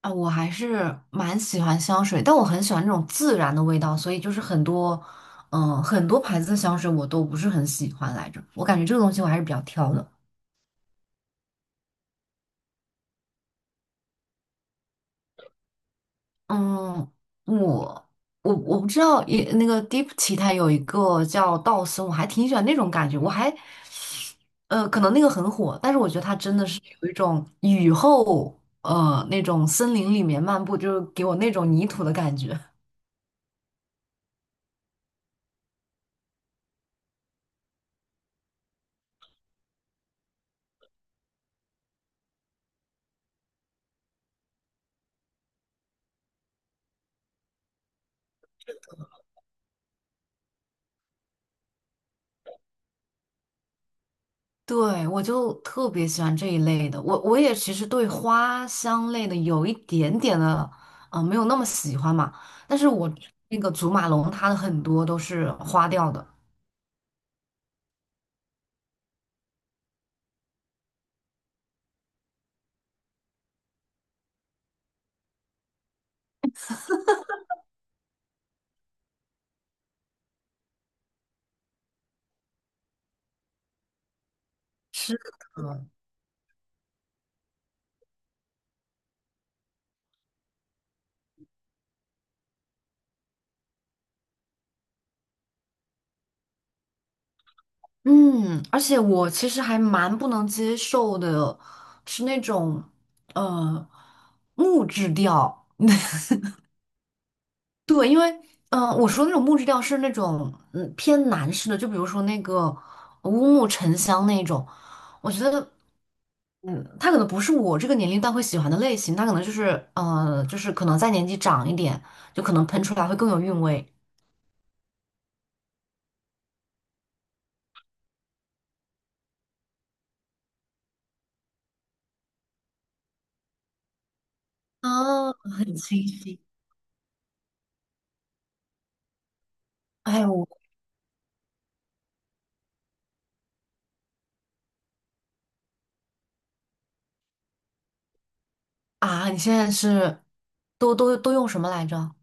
啊，我还是蛮喜欢香水，但我很喜欢那种自然的味道，所以就是很多牌子的香水我都不是很喜欢来着。我感觉这个东西我还是比较挑的。嗯，我我不知道，也那个 Deep 奇它有一个叫道森，我还挺喜欢那种感觉。可能那个很火，但是我觉得它真的是有一种雨后那种森林里面漫步，就是给我那种泥土的感觉。对，我就特别喜欢这一类的。我也其实对花香类的有一点点的，没有那么喜欢嘛。但是我那个祖马龙，它的很多都是花调的。是的，嗯，而且我其实还蛮不能接受的，是那种呃木质调。对，因为我说那种木质调是那种偏男士的，就比如说那个乌木沉香那种，我觉得。嗯，他可能不是我这个年龄段会喜欢的类型，他可能就是可能再年纪长一点，就可能喷出来会更有韵味。啊，很清新。哎呦啊，你现在是都用什么来着？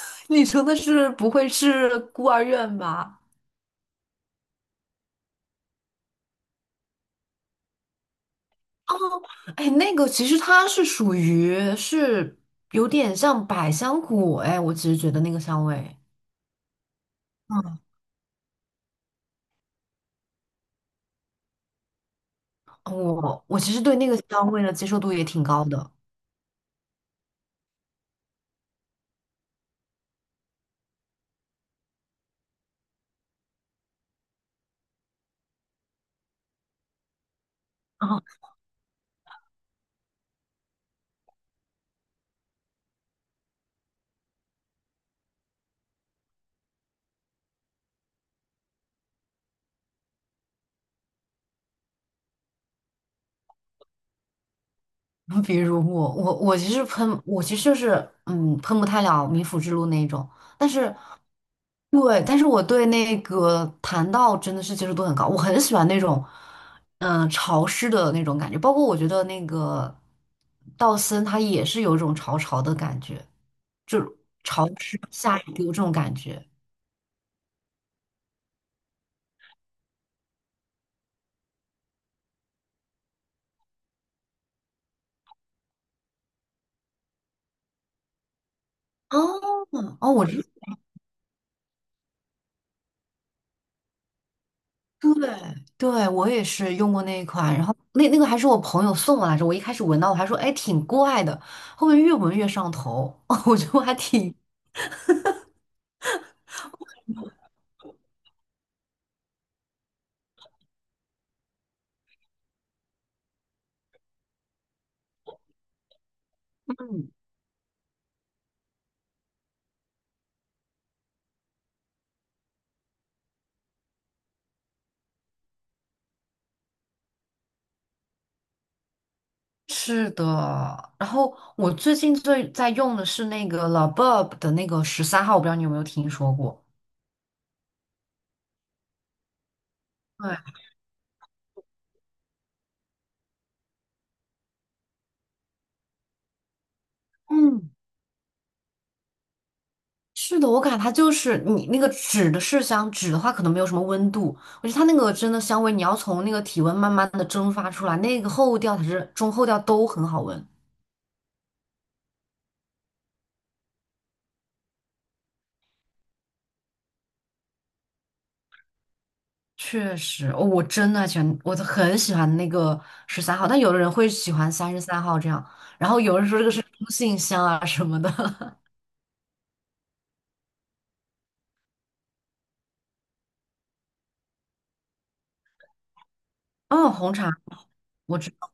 你说的是不会是孤儿院吧？哦，哎，那个其实它是属于是有点像百香果，哎，我其实觉得那个香味，嗯，我其实对那个香味的接受度也挺高的。比如我，我其实喷，我其实就是喷不太了冥府之路那一种，但是对，但是我对那个檀道真的是接受度很高，我很喜欢那种潮湿的那种感觉，包括我觉得那个道森他也是有一种潮潮的感觉，就潮湿下雨给我这种感觉。哦哦，对对，我也是用过那一款，然后那个还是我朋友送我来着，我一开始闻到我还说哎挺怪的，后面越闻越上头，我觉得我还挺嗯是的，然后我最近最在用的是那个 Labub 的那个13号，我不知道你有没有听说过。对，嗯，是的，我感觉它就是你那个纸的麝香纸的话，可能没有什么温度，我觉得它那个真的香味，你要从那个体温慢慢的蒸发出来，那个后调才是中后调都很好闻。确实，哦，我真的喜欢，我很喜欢那个十三号，但有的人会喜欢33号这样，然后有人说这个是中性香啊什么的。嗯，红茶，我知道，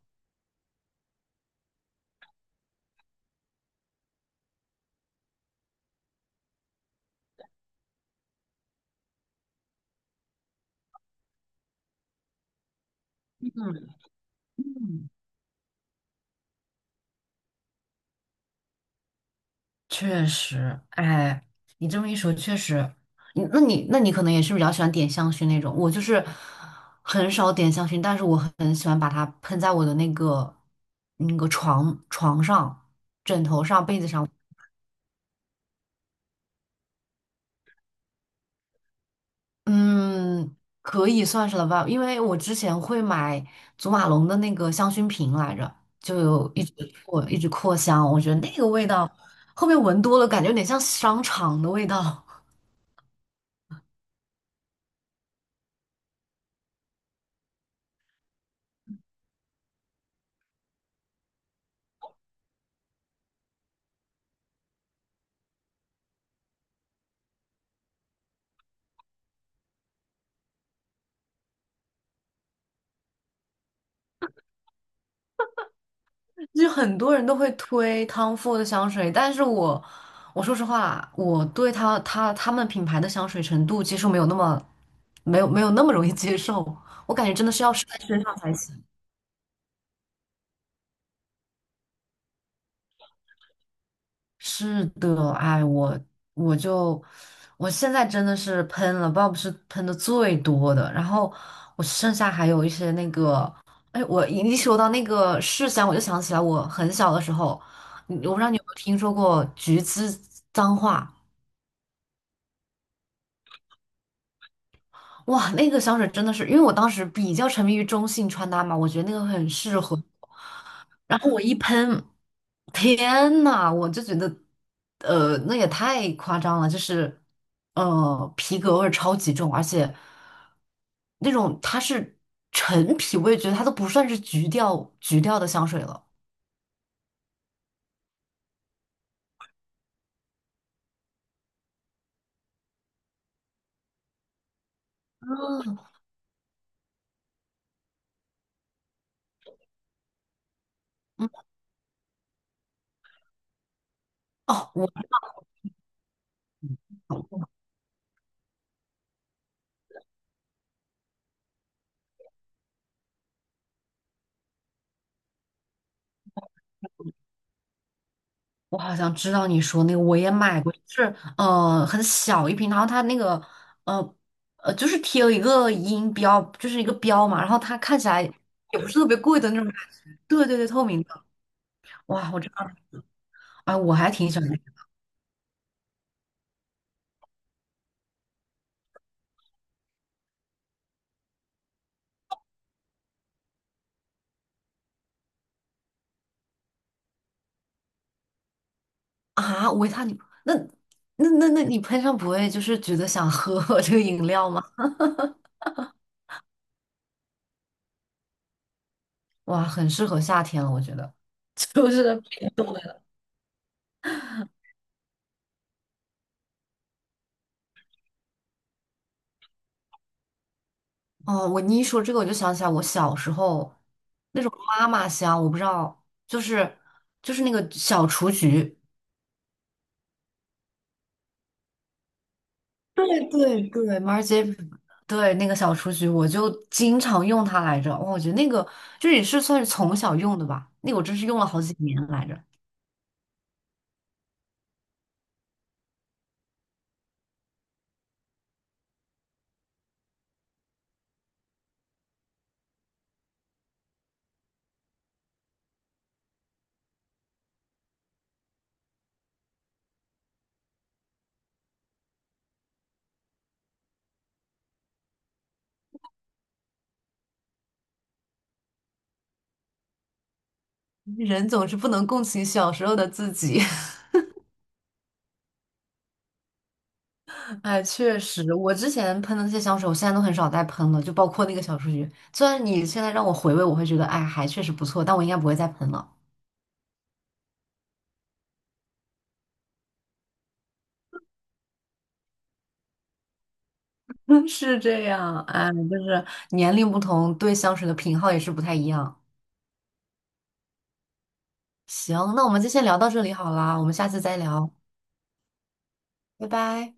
确实，哎，你这么一说，确实，你你可能也是比较喜欢点香薰那种，我就是很少点香薰，但是我很喜欢把它喷在我的那个那个床上、枕头上、被子上。嗯，可以算是了吧，因为我之前会买祖马龙的那个香薰瓶来着，就有一直扩一直扩香，我觉得那个味道，后面闻多了感觉有点像商场的味道，就很多人都会推 Tom Ford 的香水，但是我说实话，我对他们品牌的香水程度接受没有那么容易接受，我感觉真的是要试在身上才行。是的，哎，我就我现在真的是喷了，Bob 是喷的最多的，然后我剩下还有一些那个，哎，我一说到那个麝香，我就想起来我很小的时候，我不知道你有没有听说过橘子脏话。哇，那个香水真的是，因为我当时比较沉迷于中性穿搭嘛，我觉得那个很适合我然后我一喷，天呐，我就觉得，那也太夸张了，就是，皮革味儿超级重，而且那种它是陈皮味，觉得它都不算是橘调橘调的香水了。嗯哦，我懂我好像知道你说那个，我也买过，就是很小一瓶，然后它那个呃就是贴了一个音标，就是一个标嘛，然后它看起来也不是特别贵的那种感觉，对对对，透明的，哇，我知道，啊，我还挺喜欢那个啊，维他你那那那那你喷上不会就是觉得想喝 这个饮料吗？哇，很适合夏天了，我觉得，就是冰冻的。哦，你一说这个，我就想起来我小时候那种妈妈香，我不知道，就是那个小雏菊，对对对 Marjirie 对那个小雏菊，我就经常用它来着。哇，我觉得那个就是也是算是从小用的吧，那个我真是用了好几年来着。人总是不能共情小时候的自己。哎，确实，我之前喷的那些香水，我现在都很少再喷了，就包括那个小雏菊。虽然你现在让我回味，我会觉得，哎，还确实不错，但我应该不会再喷了。是这样，哎，就是年龄不同，对香水的品号也是不太一样。行，那我们就先聊到这里好啦，我们下次再聊，拜拜。